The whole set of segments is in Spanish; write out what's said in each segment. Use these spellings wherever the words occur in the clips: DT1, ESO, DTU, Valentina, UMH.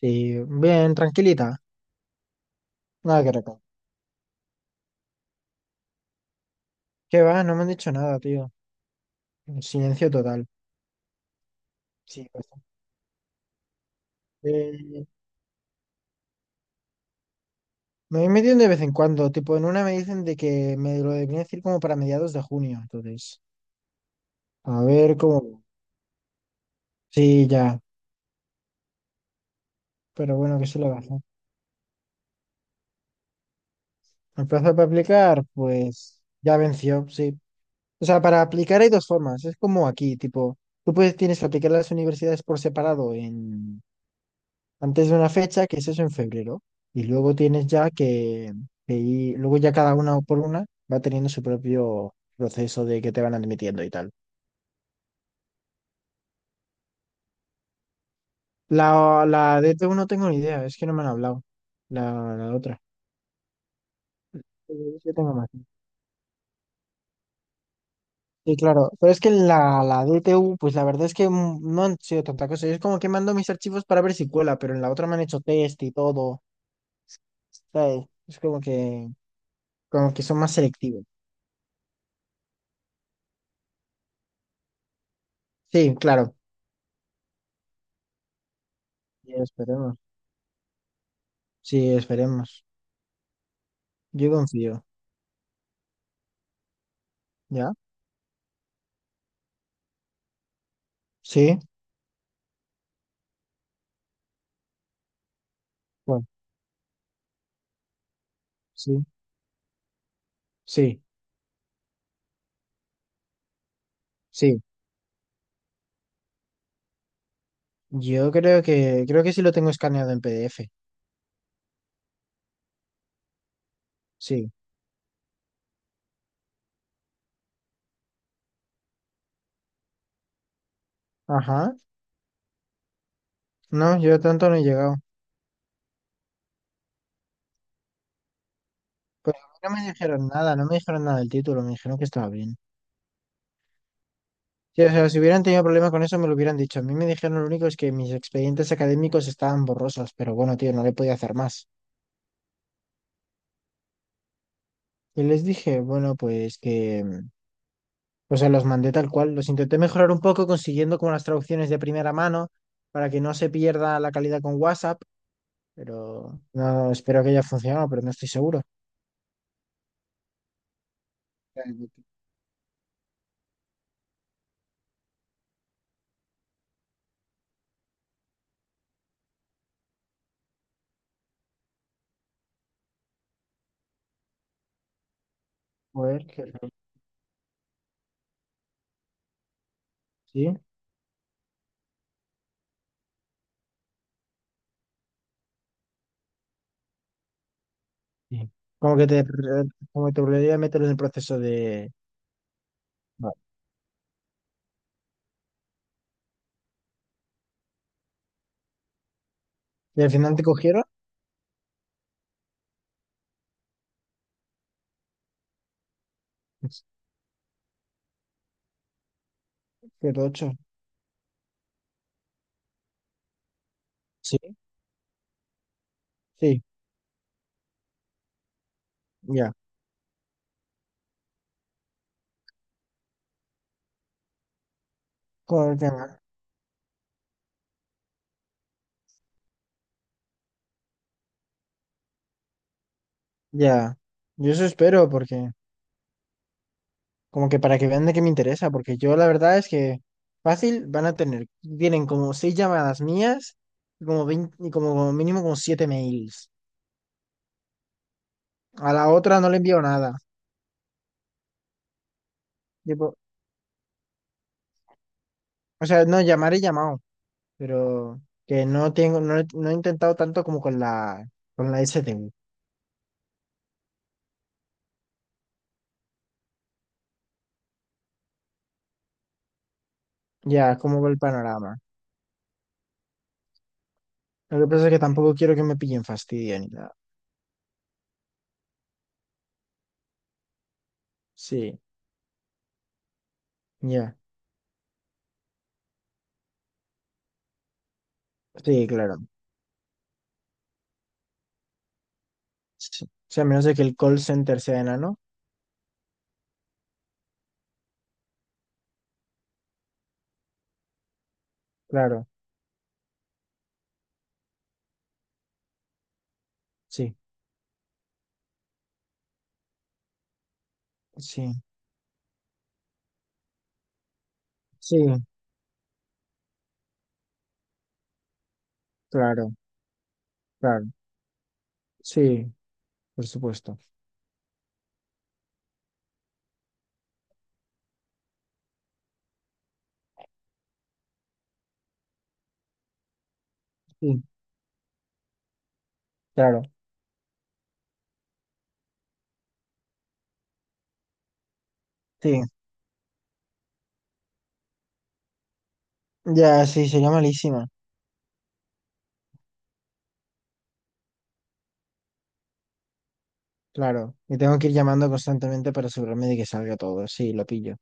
Sí, bien, tranquilita. Nada que recordar. ¿Qué va? No me han dicho nada, tío. Silencio total. Sí, bastante. Eh, me meten de vez en cuando. Tipo, en una me dicen de que me lo deberían decir como para mediados de junio. Entonces, a ver cómo. Sí, ya. Pero bueno, que se lo hacer. El plazo para aplicar, pues ya venció, sí. O sea, para aplicar hay dos formas. Es como aquí, tipo, tú puedes, tienes que aplicar a las universidades por separado en antes de una fecha, que es eso en febrero, y luego tienes ya que, luego ya cada una por una va teniendo su propio proceso de que te van admitiendo y tal. La DT1 no tengo ni idea, es que no me han hablado. La otra. Yo tengo más. Sí, claro, pero es que la DTU, pues la verdad es que no han sido tanta cosa. Yo es como que mando mis archivos para ver si cuela, pero en la otra me han hecho test y todo. ¿Sabes? Es como que son más selectivos. Sí, claro. Y esperemos. Sí, esperemos. Yo confío, ¿ya? Sí, bueno, sí, sí, sí. Yo creo que sí lo tengo escaneado en PDF. Sí. Ajá. No, yo tanto no he llegado. Pero a mí no me dijeron nada, no me dijeron nada del título, me dijeron que estaba bien. Sí, o sea, si hubieran tenido problema con eso, me lo hubieran dicho. A mí me dijeron lo único es que mis expedientes académicos estaban borrosos, pero bueno, tío, no le podía hacer más. Y les dije, bueno, o sea, los mandé tal cual. Los intenté mejorar un poco consiguiendo como las traducciones de primera mano para que no se pierda la calidad con WhatsApp, pero no espero que haya funcionado, pero no estoy seguro. Joder, qué raro. Sí. Sí. Como que te, como que te volvería a meter en el proceso de... Vale. Y al final te cogieron. Pero ocho. Sí, sí, ya. Joder, qué mal. Ya. Yo eso espero porque... Como que para que vean de qué me interesa, porque yo la verdad es que fácil van a tener, tienen como seis llamadas mías y como 20 y como mínimo como siete mails. A la otra no le envío nada. Tipo, o sea, no, llamar he llamado, pero que no tengo, no, no he intentado tanto como con la S STU. Ya, como va el panorama. Lo que pasa es que tampoco quiero que me pillen fastidio ni nada. Sí, ya. Sí, claro. Sí. O sea, a menos de que el call center sea enano. Claro, sí, sí. Sí, claro, claro. Sí, por supuesto. Sí, claro, sí. Ya, sí, sería malísima. Claro, y tengo que ir llamando constantemente para asegurarme de que salga todo. Sí, lo pillo.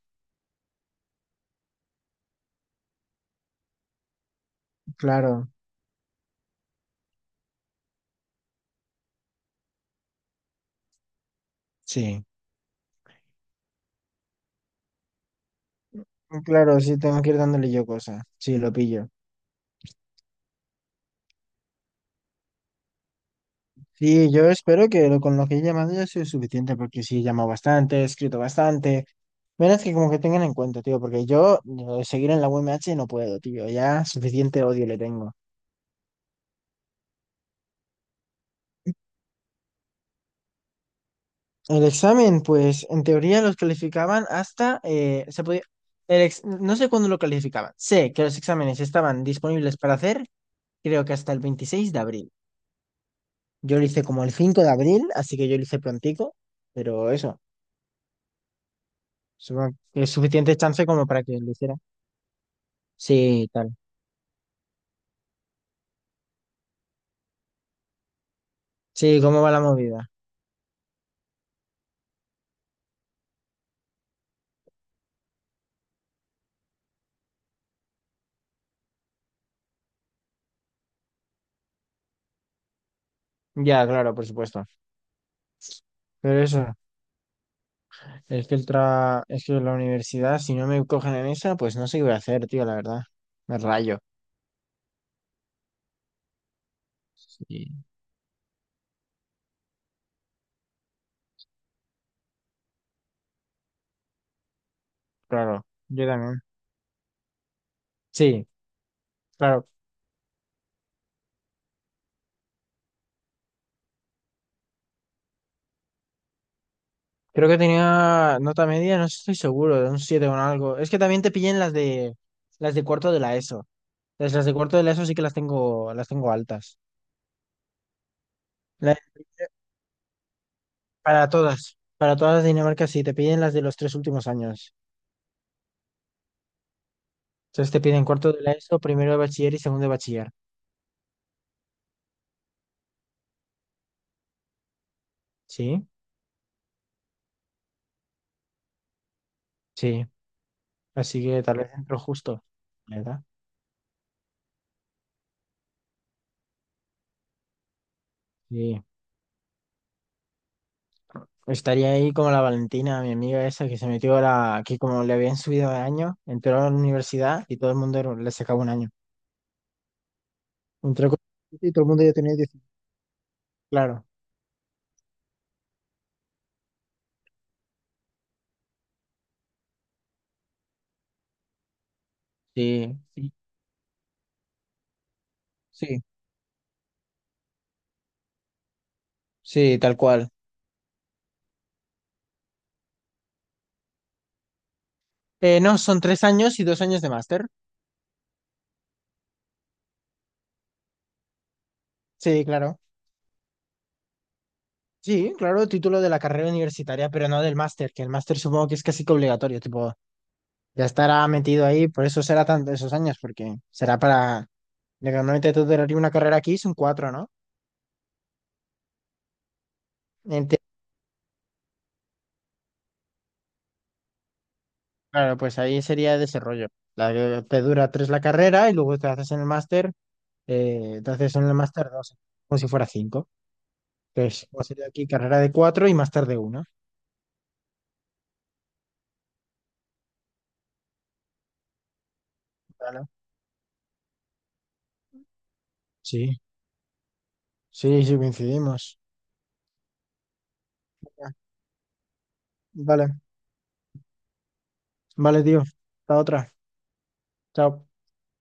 Claro. Sí, claro, sí, tengo que ir dándole yo cosas. Sí, lo pillo. Sí, yo espero que con lo que he llamado ya sea suficiente, porque sí, he llamado bastante, he escrito bastante. Menos que como que tengan en cuenta, tío, porque yo seguir en la UMH no puedo, tío. Ya suficiente odio le tengo. El examen, pues en teoría los calificaban hasta, se podía, no sé cuándo lo calificaban. Sé que los exámenes estaban disponibles para hacer, creo que hasta el 26 de abril. Yo lo hice como el 5 de abril, así que yo lo hice prontico, pero eso, supongo que es suficiente chance como para que lo hiciera. Sí, tal. Sí, ¿cómo va la movida? Ya, claro, por supuesto. Pero eso, es que la universidad, si no me cogen en esa, pues no sé qué voy a hacer, tío, la verdad. Me rayo. Sí, claro, yo también. Sí, claro. Creo que tenía nota media, no estoy seguro, de un 7 o un algo. Es que también te pillé en las de cuarto de la ESO. Entonces, las de cuarto de la ESO sí que las tengo altas. La- para todas las de Dinamarca sí, te piden las de los 3 últimos años. Entonces te piden cuarto de la ESO, primero de bachiller y segundo de bachiller. Sí, sí. Así que tal vez entro justo, ¿verdad? Sí. Estaría ahí como la Valentina, mi amiga esa que se metió que como le habían subido de año, entró a la universidad y todo el mundo le sacaba un año. Entré con... Y todo el mundo ya tenía 18. Claro, sí, sí, sí, sí, tal cual. No, son 3 años y 2 años de máster. Sí, claro. Sí, claro, título de la carrera universitaria, pero no del máster, que el máster supongo que es casi que obligatorio, tipo, ya estará metido ahí, por eso será tanto esos años, porque será para... Normalmente tú duraría una carrera aquí, son cuatro, ¿no? Ente- Claro, pues ahí sería desarrollo. La que te dura tres la carrera y luego te haces en el máster, te haces en el máster dos, como si fuera cinco. Tres. Va a ser aquí carrera de cuatro y más tarde una. Vale. Sí, sí, sí, coincidimos. Vale, vale, tío. Hasta otra. Chao.